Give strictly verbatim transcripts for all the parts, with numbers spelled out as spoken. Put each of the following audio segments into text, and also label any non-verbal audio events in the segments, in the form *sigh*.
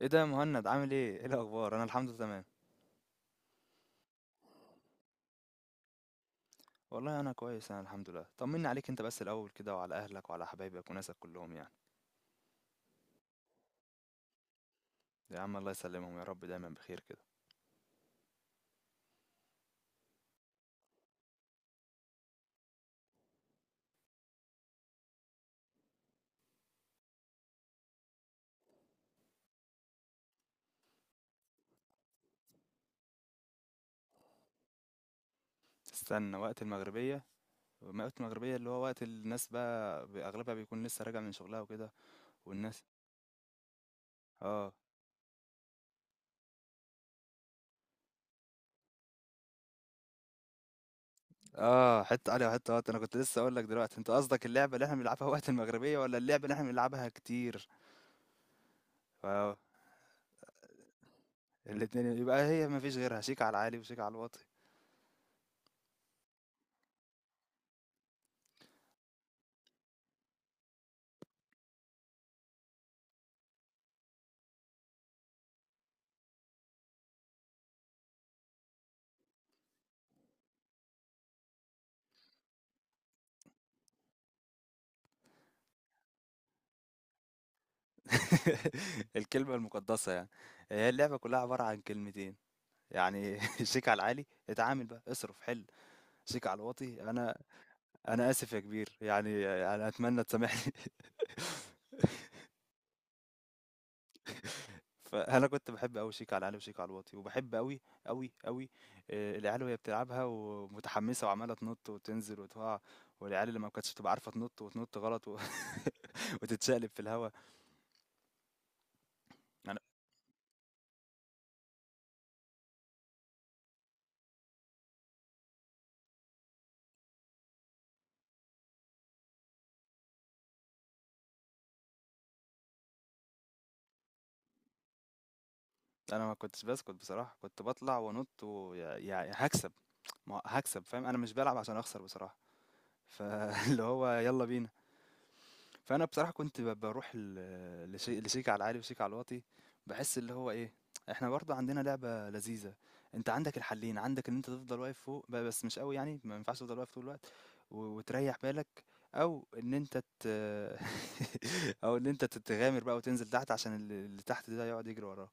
ايه ده يا مهند؟ عامل ايه؟ ايه الاخبار؟ انا الحمد لله تمام. والله انا كويس، انا الحمد لله. طمني عليك انت بس الاول كده، وعلى اهلك وعلى حبايبك وناسك كلهم يعني. يا عم الله يسلمهم يا رب، دايما بخير كده. استنى، وقت المغربيه؟ وقت المغربيه اللي هو وقت الناس بقى بي- اغلبها بيكون لسه راجع من شغلها وكده. والناس، اه اه حته علي وحته وقت. انا كنت لسه اقول لك دلوقتي، انت قصدك اللعبه اللي احنا بنلعبها وقت المغربيه ولا اللعبه اللي احنا بنلعبها كتير؟ اه، الاتنين يبقى، هي مفيش غيرها، شيك على العالي وشيك على الواطي. *laughs* الكلمة المقدسة يعني. هي اللعبة كلها عبارة عن كلمتين يعني. *laughs* شيك على العالي، اتعامل بقى اصرف حل. شيك على الواطي انا. انا اسف يا كبير يعني، انا اتمنى تسامحني. *laughs* فانا كنت بحب قوي شيك على العالي وشيك على الواطي، وبحب قوي قوي قوي العيال وهي بتلعبها ومتحمسة وعمالة تنط وتنزل وتقع. والعيال اللي ما كانتش بتبقى عارفة تنط وتنط غلط و... *laughs* وتتشقلب في الهوا. انا انا ما كنتش بسكت بصراحة، كنت بطلع وانط ويعني هكسب. ما هو هاكسب فاهم، أنا مش بالعب عشان أخسر بصراحة، فاللي *laughs* هو يالّا بينا. فأنا بصراحة كنت ب باروح ل لشي لشيك على العالي وشيك على الواطي، باحس اللي هو إيه، إحنا برضه عندنا لعبة لذيذة. أنت عندك الحلّين، عندك إن أنت تفضل واقف فوق ب بس مش أوي يعني، ما ينفعش تفضل واقف طول الوقت و وتريّح بالك، أو إن أنت ت *laughs* أو إن أنت ت تغامر بقى وتنزل تحت عشان ال اللي تحت ده يقعد يجري وراك،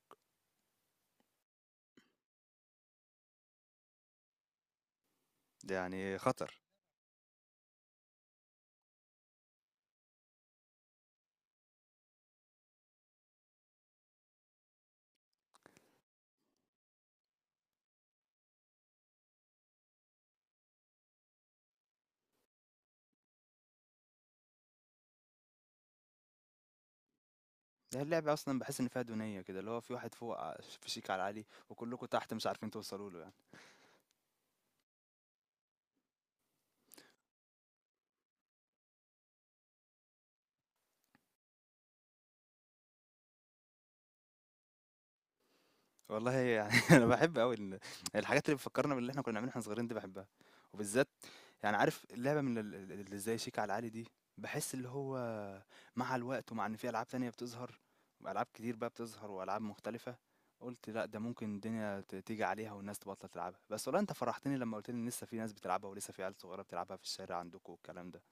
يعني خطر. ده اللعبة أصلًا باحس إن فيها دونية كده، اللي هو في واحد فوق ع فشيك على العالي وكلكم تحت مش عارفين توصلوا له يعني. والله يعني *laughs* أنا باحب أوي ال الحاجات اللي بتفكّرنا باللي إحنا كنا بنعمله واحنا صغيرين دي، باحبها، وبالذات يعني عارف اللعبة من ال ال اللي زي شيك على العالي دي، باحس اللي هو مع الوقت، ومع إن في ألعاب تانية بتظهر، وألعاب كتير بقى بتظهر وألعاب مختلفة، قُلت لأ ده ممكن الدنيا ت تيجي عليها والناس تبطّل تلعبها، بس والله أنت فرحتني لمّا قُلت لي إن لسه في ناس بتلعبها، ولسه في عيال صغيرة بتلعبها في الشارع عندكم والكلام ده.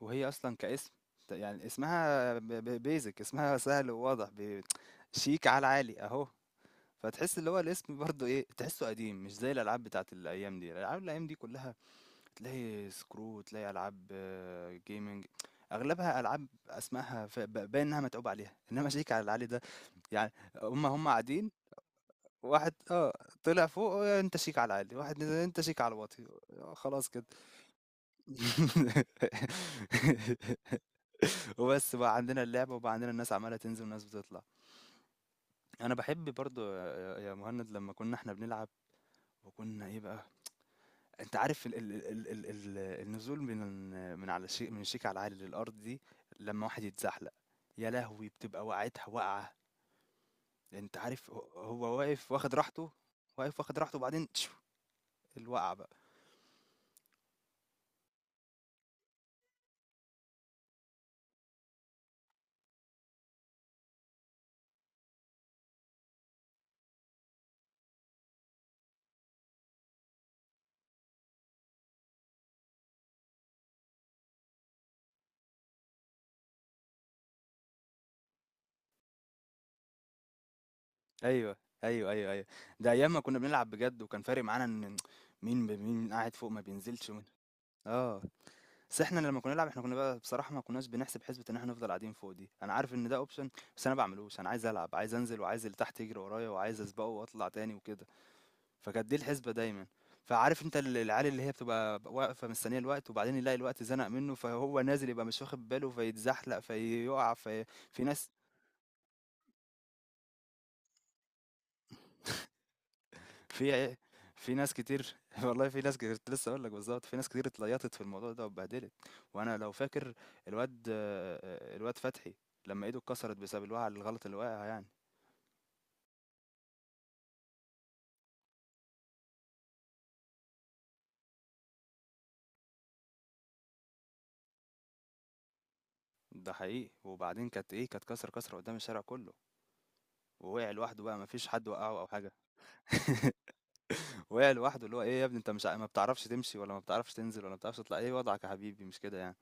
وهي اصلا كاسم، ت- يعني اسمها بيزك، اسمها سهل وواضح بي- شيك على العالي اهو. فتحس اللي هو الاسم برضه ايه، تحسه قديم، مش زي الالعاب بتاعت الايام دي. الالعاب الايام دي كلها تلاقي سكرو، تلاقي العاب آه، جيمنج، اغلبها العاب اسمائها ف- ب- باين انها متعوب عليها، انما شيك على العالي ده يعني. هم هم قاعدين، واحد اه طلع فوق، آه، انت شيك على العالي، واحد نزل انت شيك على الواطي. آه، خلاص كده. *laughs* وبس بقى عندنا اللعبة، وبقى عندنا الناس عمالة تنزل وناس بتطلع. انا بحب برضو يا يا- يا مهند، لما كنا احنا بنلعب وكنا ايه بقى، انت عارف ال ال ال ال ال النزول من من على شيء، من شيك على العالي للارض دي، لما واحد يتزحلق، يا لهوي بتبقى وقعتها وقعة. انت عارف هو هو واقف واخد راحته، واقف واخد راحته وبعدين تشو، الوقعة بقى. ايوه، ايوه، ايوه، ايوه، ده ايام ما كنا بنلعب بجد، وكان فارق معانا ان مين ب- مين قاعد فوق ما بينزلش ومين. اه بس احنا لما كنا نلعب، احنا كنا بقى بصراحة ما كناش بنحسب حسبة ان احنا نفضل قاعدين فوق دي. انا عارف ان ده اوبشن، بس انا بعملوش. انا عايز العب، عايز انزل، وعايز اللي تحت يجري ورايا، وعايز اسبقه واطلع تاني وكده. فكانت دي الحسبة دايما. فعارف انت ال- العيال اللي هي بتبقى واقفة مستنية الوقت، وبعدين يلاقي الوقت زنق منه فهو نازل، يبقى مش واخد باله فيتزحلق فيقع. في في ناس، في عي- في ناس كتير، *laughs* والله في ناس كتير كنت لسه اقول لك بالظبط، في ناس كتير اتليطت في الموضوع ده واتبهدلت. وانا لو فاكر الواد، آه، الواد فتحي، لما ايده اتكسرت بسبب الوقعه الغلط اللي وقعها يعني. ده حقيقي، وبعدين كانت ايه، كانت كسر، كسر قدام الشارع كله، ووقع لوحده بقى، مفيش حد وقعه او حاجه. *laughs* وقع لوحده، اللي هو ايه يا ابني، انت مش ع- ما بتعرفش تمشي، ولا ما بتعرفش تنزل، ولا ما بتعرفش تطلع، ايه وضعك يا حبيبي، مش كده يعني.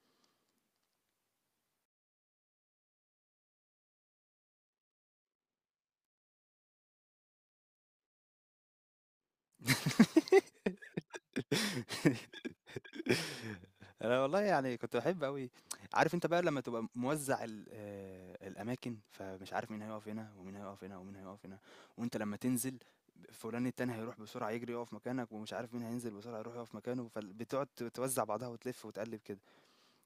*laughs* أنا والله يعني كنت باحب أوي. عارف أنت بقى لمّا تبقى موزّع ال آآ الأماكن، فمش عارف مين هيقف هنا، ومين هيقف هنا، ومين هيقف هنا، وأنت لمّا تنزل فلان التاني هيروح بسرعة يجري يقف مكانك، ومش عارف مين هينزل بسرعة يروح يقف مكانه، فال بتقعد ت توزّع بعضها وتلِف وتقلِّب كده،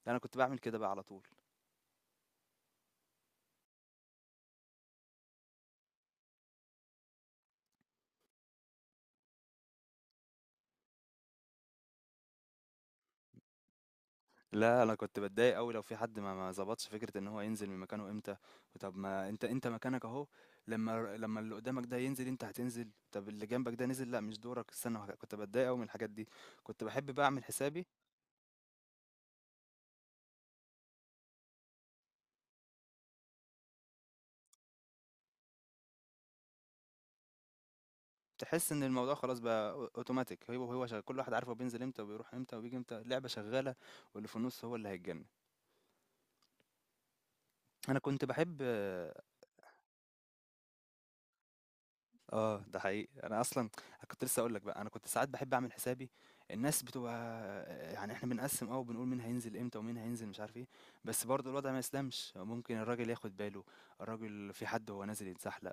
أنا كنت باعمل كده بقى على طول. لا انا كنت بتضايق قوي لو في حد ما ما ظبطش فكره ان هو ينزل من مكانه امتى. طب ما انت انت مكانك اهو، لما لما اللي قدامك ده ينزل انت هتنزل، طب اللي جنبك ده نزل، لا مش دورك استنى وهك- كنت بتضايق قوي من الحاجات دي. كنت بحب بقى اعمل حسابي. تحس ان الموضوع خلاص بقى أو- اوتوماتيك، هو هو شغال، كل واحد عارف هو بينزل امتى وبيروح امتى وبيجي امتى، اللعبه شغاله، واللي في النص هو اللي هيتجنن. انا كنت بحب. آه، ده حقيقي. أنا أصلًا كنت لسه هاقول لك بقى، أنا كنت ساعات باحب أعمل حسابي. الناس بتبقى، يعني إحنا بنقسّم، آه، وبنقول مين هينزل إمتى ومين هينزل مش عارف إيه، بس برضه الوضع ما يسلمش، ممكن الراجل ياخد باله، الراجل في حد وهو نازل يتزحلق،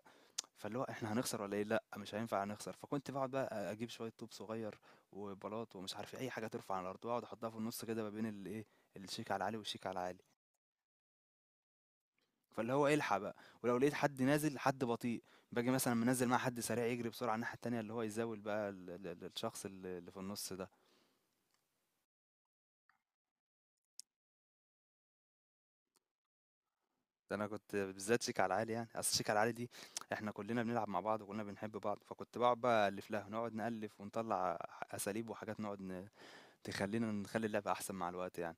فاللي هو إحنا هنخسر والّا إيه؟ لأ، مش هينفع هنخسر، فكنت باقعد بقى أجيب شوية طوب صغير وبلاط ومش عارف إيه، أي حاجة ترفع على الأرض، وأقعد أحطها في النُص كده ما بين الإيه، الشيك على العالي والشيك على العالي. فاللي هو الحق بقى، ولو لقيت حد نازل، حد بطيء، باجي مثلا منزل مع حد سريع يجري بسرعه الناحيه التانيه، اللي هو يزاول بقى ال- ال- ال- الشخص اللي اللي في النص ده. ده انا كنت بالذات شيك على العالي يعني، اصل شيك على العالي دي احنا كلنا بنلعب مع بعض وكلنا بنحب بعض، فكنت بقعد بقى الف لها، نقعد نالف ونطلع اساليب وحاجات، نقعد ن- تخلينا نخلي اللعبه احسن مع الوقت يعني.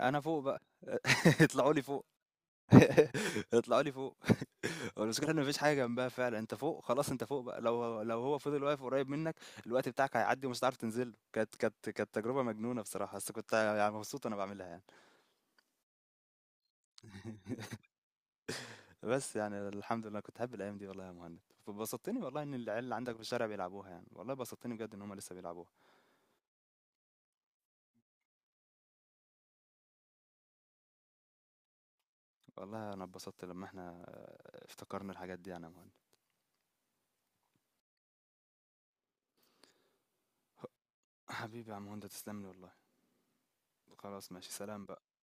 انا فوق بقى، *laughs* اطلعوا لي فوق. *laughs* اطلعوا لي فوق. *laughs* هو المشكلة إن ما فيش حاجة جنبها فعلًا، أنت فوق خلاص، أنت فوق بقى، لو لو هو فضل واقف قريب منك، الوقت بتاعك هيعدّي ومش هتعرف تنزل له. كانت كانت كانت تجربة مجنونة بصراحة، بس كنت يعني مبسوط وأنا باعملها يعني. *laughs* بس يعني الحمد لله كنت باحب الأيام دي والله يا مهند. فبسطتني والله إن العيال اللي عندك في الشارع بيلعبوها يعني، والله بسطتني بجد إن هم لسه بيلعبوها. والله أنا اتبسطت لمّا إحنا آه، افتكرنا الحاجات دي يعني يا مهند. *laughs* حبيبي يا عم هند، تسلم لي والله. خلاص ماشي، سلام بقى.